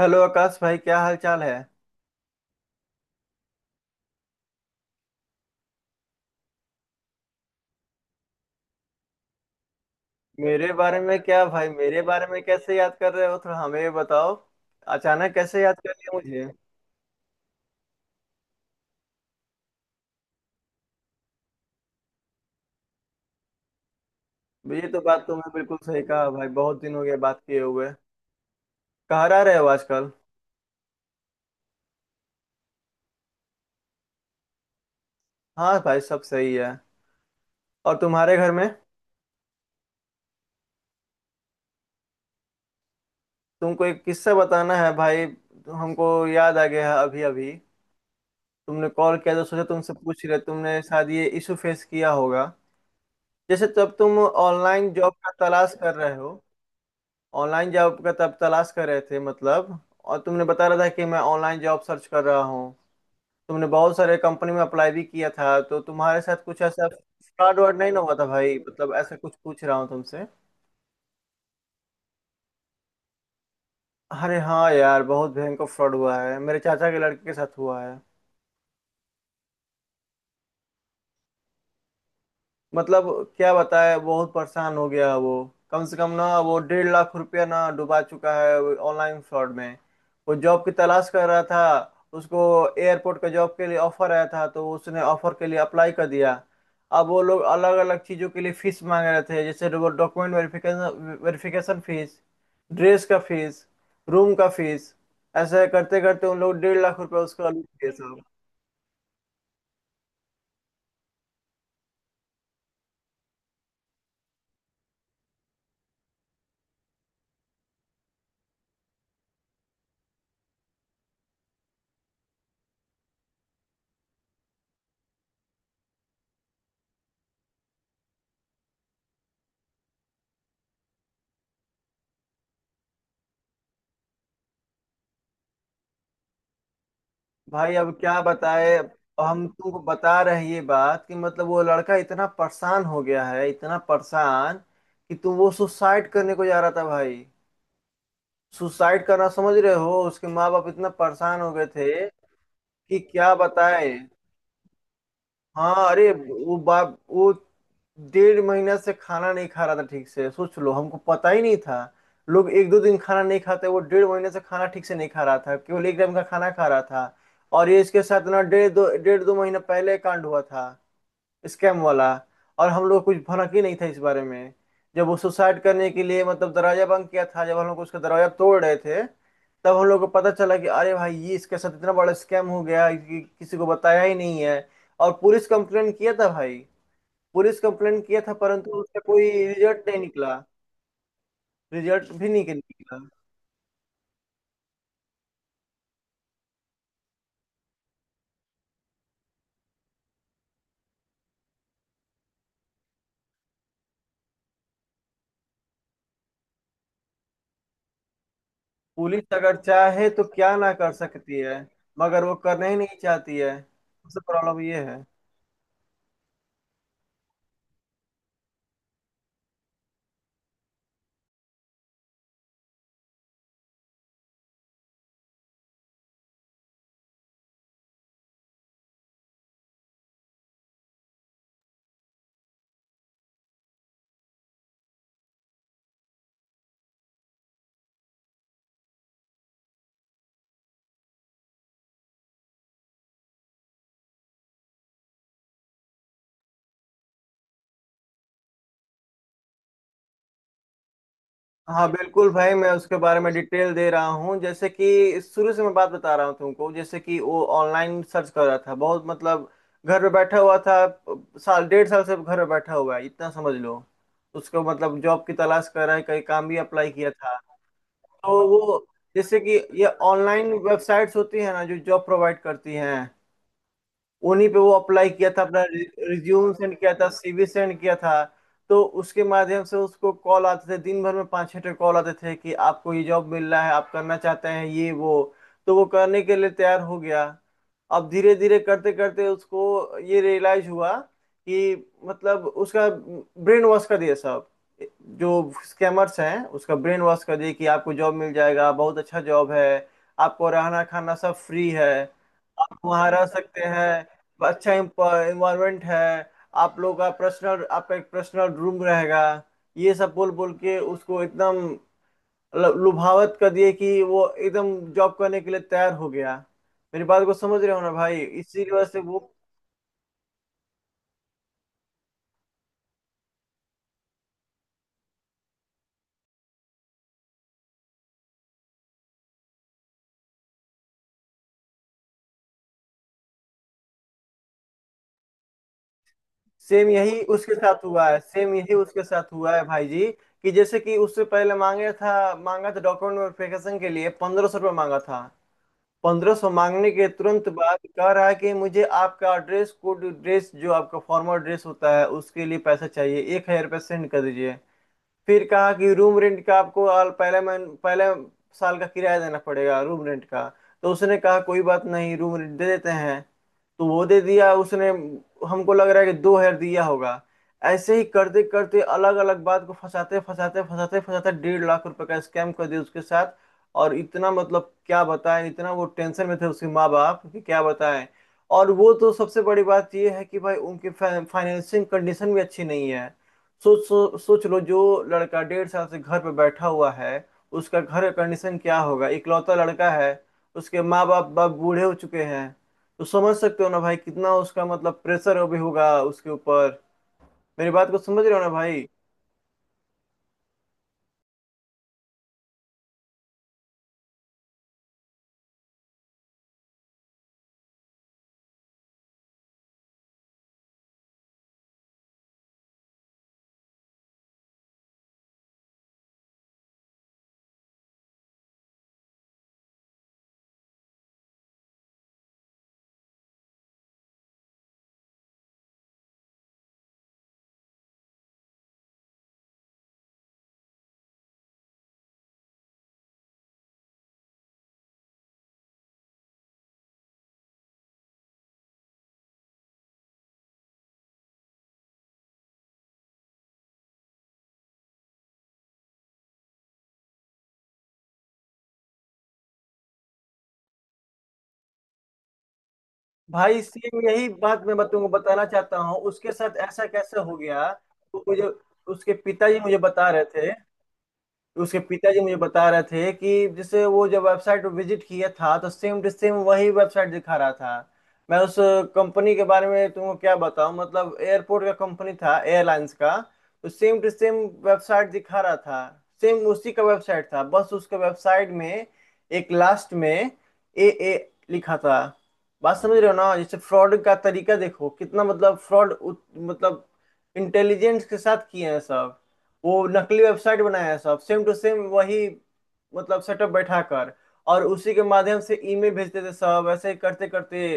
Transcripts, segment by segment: Hello Akash भाई, क्या हाल चाल है। मेरे बारे में क्या भाई, मेरे बारे में कैसे याद कर रहे हो, थोड़ा हमें ये बताओ। अचानक कैसे याद कर लिया। मुझे ये तो बात तुमने बिल्कुल सही कहा भाई, बहुत दिन हो गए बात किए हुए। कहाँ रह रहे हो आजकल। हाँ भाई, सब सही है। और तुम्हारे घर में। तुमको एक किस्सा बताना है भाई, हमको याद आ गया है अभी अभी। तुमने कॉल किया तो सोचा तुमसे पूछ रहे, तुमने शायद ये इशू फेस किया होगा, जैसे तब तुम ऑनलाइन जॉब का तलाश कर रहे हो। ऑनलाइन जॉब का तब तलाश कर रहे थे मतलब, और तुमने बता रहा था कि मैं ऑनलाइन जॉब सर्च कर रहा हूँ। तुमने बहुत सारे कंपनी में अप्लाई भी किया था, तो तुम्हारे साथ कुछ ऐसा फ्रॉड वर्ड नहीं ना हुआ था भाई, मतलब ऐसा कुछ पूछ रहा हूँ तुमसे। अरे हाँ यार, बहुत भयंकर फ्रॉड हुआ है, मेरे चाचा के लड़के के साथ हुआ है। मतलब क्या बताए, बहुत परेशान हो गया वो। कम से कम ना वो 1.5 लाख रुपया ना डुबा चुका है ऑनलाइन फ्रॉड में। वो जॉब की तलाश कर रहा था। उसको एयरपोर्ट का जॉब के लिए ऑफर आया था, तो उसने ऑफर के लिए अप्लाई कर दिया। अब वो लोग अलग अलग चीज़ों के लिए फीस मांग रहे थे, जैसे document verification, verification fee, dress का फीस, रूम का फीस। ऐसे करते करते उन लोग 1.5 लाख रुपया उसका लूट लिया साहब। भाई अब क्या बताए, अब हम तुमको बता रहे हैं ये बात, कि मतलब वो लड़का इतना परेशान हो गया है, इतना परेशान कि तुम वो सुसाइड करने को जा रहा था भाई। सुसाइड करना, समझ रहे हो, उसके माँ बाप इतना परेशान हो गए थे कि क्या बताए। हाँ अरे, वो 1.5 महीना से खाना नहीं खा रहा था ठीक से, सोच लो हमको पता ही नहीं था। लोग एक दो दिन खाना नहीं खाते, वो 1.5 महीने से खाना ठीक से नहीं खा रहा था, केवल एक टाइम का खाना खा रहा था। और ये इसके साथ ना डेढ़ दो महीना पहले कांड हुआ था, स्कैम वाला। और हम लोग कुछ भनक ही नहीं था इस बारे में। जब वो सुसाइड करने के लिए मतलब दरवाजा बंद किया था, जब हम लोग उसका दरवाजा तोड़ रहे थे, तब हम लोग को पता चला कि अरे भाई ये इसके साथ इतना बड़ा स्कैम हो गया कि किसी को बताया ही नहीं है। और पुलिस कंप्लेंट किया था भाई, पुलिस कंप्लेंट किया था, परंतु उसका कोई रिजल्ट नहीं निकला। रिजल्ट भी नहीं निकला। पुलिस अगर चाहे तो क्या ना कर सकती है, मगर वो करना ही नहीं चाहती है, सबसे प्रॉब्लम ये है। हाँ बिल्कुल भाई, मैं उसके बारे में डिटेल दे रहा हूँ, जैसे कि शुरू से मैं बात बता रहा हूँ तुमको। जैसे कि वो ऑनलाइन सर्च कर रहा था, बहुत मतलब घर पे बैठा हुआ था, साल डेढ़ साल से घर पे बैठा हुआ है, इतना समझ लो। उसको मतलब जॉब की तलाश कर रहा है, कहीं काम भी अप्लाई किया था। तो वो, जैसे कि ये ऑनलाइन वेबसाइट्स होती है ना जो जॉब प्रोवाइड करती हैं, उन्हीं पे वो अप्लाई किया था, अपना रिज्यूम सेंड किया था, सीवी सेंड किया था। तो उसके माध्यम से उसको कॉल आते थे, दिन भर में 5-6 कॉल आते थे, कि आपको ये जॉब मिल रहा है, आप करना चाहते हैं ये वो। तो वो करने के लिए तैयार हो गया। अब धीरे धीरे करते करते उसको ये रियलाइज हुआ कि मतलब उसका ब्रेन वॉश कर दिया सब। जो स्कैमर्स हैं उसका ब्रेन वॉश कर दिया कि आपको जॉब मिल जाएगा, बहुत अच्छा जॉब है, आपको रहना खाना सब फ्री है, आप वहाँ रह सकते हैं, अच्छा इन्वायरमेंट है, आप लोग का पर्सनल, आपका एक पर्सनल रूम रहेगा। ये सब बोल बोल के उसको एकदम लुभावत कर दिए, कि वो एकदम जॉब करने के लिए तैयार हो गया। मेरी बात को समझ रहे हो ना भाई, इसी की वजह से वो। सेम यही उसके साथ हुआ है, सेम यही उसके साथ हुआ है भाई जी, कि जैसे कि उससे पहले मांगे था, मांगा था डॉक्यूमेंट वेरिफिकेशन के लिए 1,500 रुपये मांगा था। 1,500 मांगने के तुरंत बाद कह रहा है कि मुझे आपका ड्रेस कोड, ड्रेस जो आपका फॉर्मल ड्रेस होता है, उसके लिए पैसा चाहिए, 1,000 रुपये सेंड कर दीजिए। फिर कहा कि रूम रेंट का आपको आल पहले मन पहले साल का किराया देना पड़ेगा रूम रेंट का। तो उसने कहा कोई बात नहीं रूम रेंट दे देते हैं, तो वो दे दिया उसने। हमको लग रहा है कि 2,000 दिया होगा। ऐसे ही करते करते अलग अलग बात को फंसाते फंसाते फंसाते फंसाते 1.5 लाख रुपए का स्कैम कर दिया उसके साथ। और इतना मतलब क्या बताएं, इतना वो टेंशन में थे उसके माँ बाप कि क्या बताएं। और वो तो सबसे बड़ी बात ये है कि भाई उनकी फाइनेंसिंग कंडीशन भी अच्छी नहीं है। सोच लो, जो लड़का 1.5 साल से घर पे बैठा हुआ है, उसका घर का कंडीशन क्या होगा। इकलौता लड़का है, उसके माँ बाप, बाप बूढ़े हो चुके हैं। तो समझ सकते हो ना भाई कितना उसका मतलब प्रेशर अभी होगा उसके ऊपर। मेरी बात को समझ रहे हो ना भाई। भाई सेम यही बात मैं तुमको बताना चाहता हूँ, उसके साथ ऐसा कैसे हो गया तो मुझे उसके पिताजी मुझे बता रहे थे। उसके पिताजी मुझे बता रहे थे कि जैसे वो जब वेबसाइट विजिट किया था, तो सेम टू सेम वही वेबसाइट दिखा रहा था। मैं उस कंपनी के बारे में तुमको क्या बताऊं, मतलब एयरपोर्ट का कंपनी था, एयरलाइंस का। तो सेम टू सेम वेबसाइट दिखा रहा था, सेम उसी का वेबसाइट था, बस उसके वेबसाइट में एक लास्ट में AA लिखा था। बात समझ रहे हो ना, जैसे फ्रॉड का तरीका देखो कितना मतलब फ्रॉड मतलब इंटेलिजेंस के साथ किए हैं सब। वो नकली वेबसाइट बनाया है सब सेम टू सेम वही, मतलब सेटअप बैठा कर, और उसी के माध्यम से ईमेल भेजते थे सब। ऐसे ही करते करते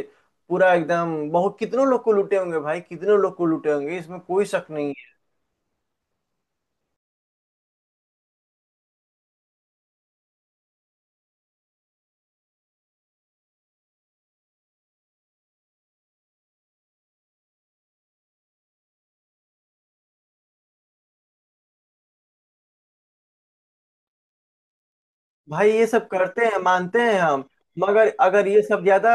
पूरा एकदम, बहुत कितनों लोग को लूटे होंगे भाई, कितनों लोग को लूटे होंगे, इसमें कोई शक नहीं। भाई ये सब करते हैं, मानते हैं हम, मगर अगर ये सब ज्यादा,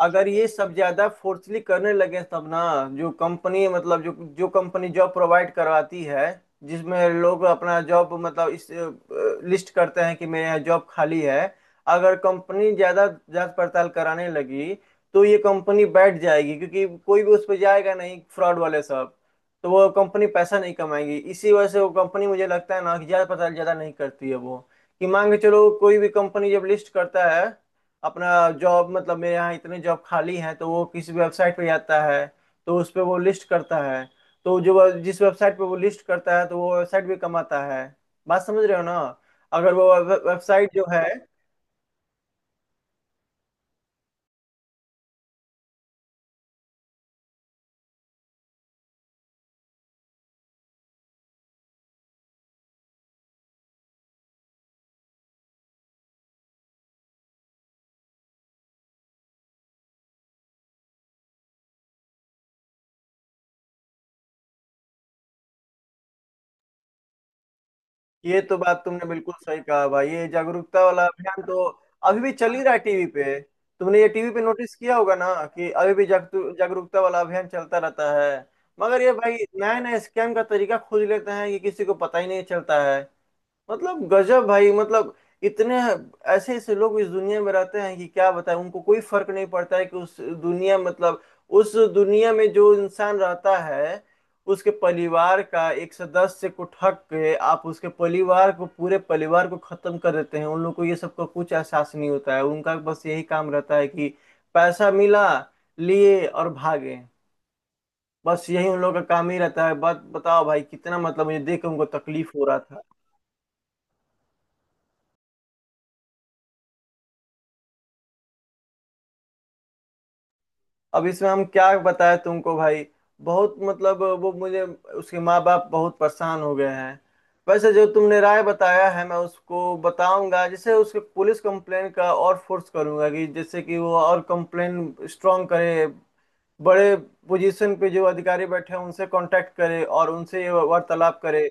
अगर ये सब ज्यादा फोर्सली करने लगे तब ना, जो कंपनी मतलब जो, जो कंपनी जॉब प्रोवाइड करवाती है, जिसमें लोग अपना जॉब मतलब इस लिस्ट करते हैं कि मेरे यहाँ जॉब खाली है, अगर कंपनी ज्यादा जांच पड़ताल कराने लगी, तो ये कंपनी बैठ जाएगी, क्योंकि कोई भी उस पर जाएगा नहीं, फ्रॉड वाले सब। तो वो कंपनी पैसा नहीं कमाएगी, इसी वजह से वो कंपनी मुझे लगता है ना कि जांच पड़ताल ज्यादा नहीं करती है वो। कि मान के चलो कोई भी कंपनी जब लिस्ट करता है अपना जॉब, मतलब मेरे यहाँ इतने जॉब खाली हैं, तो वो किसी वेबसाइट पे जाता है, तो उस पे वो लिस्ट करता है। तो जिस वेबसाइट पे वो लिस्ट करता है तो वो वेबसाइट भी कमाता है। बात समझ रहे हो ना, अगर वो वेबसाइट जो है। ये तो बात तुमने बिल्कुल सही कहा भाई, ये जागरूकता वाला अभियान तो अभी भी चल ही रहा है टीवी पे। तुमने ये टीवी पे नोटिस किया होगा ना कि अभी भी जागरूकता वाला अभियान चलता रहता है। मगर ये भाई नया नया स्कैम का तरीका खोज लेते हैं, ये किसी को पता ही नहीं चलता है। मतलब गजब भाई, मतलब इतने ऐसे ऐसे लोग इस दुनिया में रहते हैं कि क्या बताएं। उनको कोई फर्क नहीं पड़ता है कि उस दुनिया मतलब उस दुनिया में जो इंसान रहता है, उसके परिवार का एक सदस्य को ठग के आप उसके परिवार को, पूरे परिवार को खत्म कर देते हैं। उन लोग को ये सब का कुछ एहसास नहीं होता है, उनका बस यही काम रहता है कि पैसा मिला, लिए और भागे, बस यही उन लोगों का काम ही रहता है। बात बताओ भाई, कितना मतलब मुझे देख के उनको तकलीफ हो रहा था। अब इसमें हम क्या बताएं तुमको भाई, बहुत मतलब वो मुझे, उसके माँ बाप बहुत परेशान हो गए हैं। वैसे जो तुमने राय बताया है, मैं उसको बताऊंगा, जैसे उसके पुलिस कंप्लेन का और फोर्स करूंगा कि जैसे कि वो और कंप्लेन स्ट्रांग करे। बड़े पोजीशन पे जो अधिकारी बैठे हैं उनसे कांटेक्ट करे और उनसे ये वार्तालाप करे।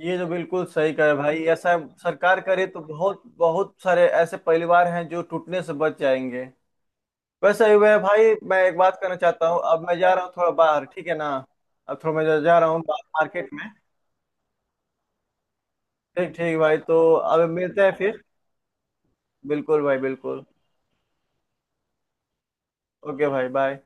ये जो बिल्कुल सही कहे भाई, ऐसा सरकार करे तो बहुत बहुत सारे ऐसे परिवार हैं जो टूटने से बच जाएंगे। वैसे ही वह भाई, मैं एक बात कहना चाहता हूँ, अब मैं जा रहा हूँ थोड़ा बाहर, ठीक है ना। अब थोड़ा मैं जा जा रहा हूँ बाहर मार्केट में। ठीक ठीक भाई, तो अब मिलते हैं फिर। बिल्कुल भाई बिल्कुल। ओके भाई, बाय।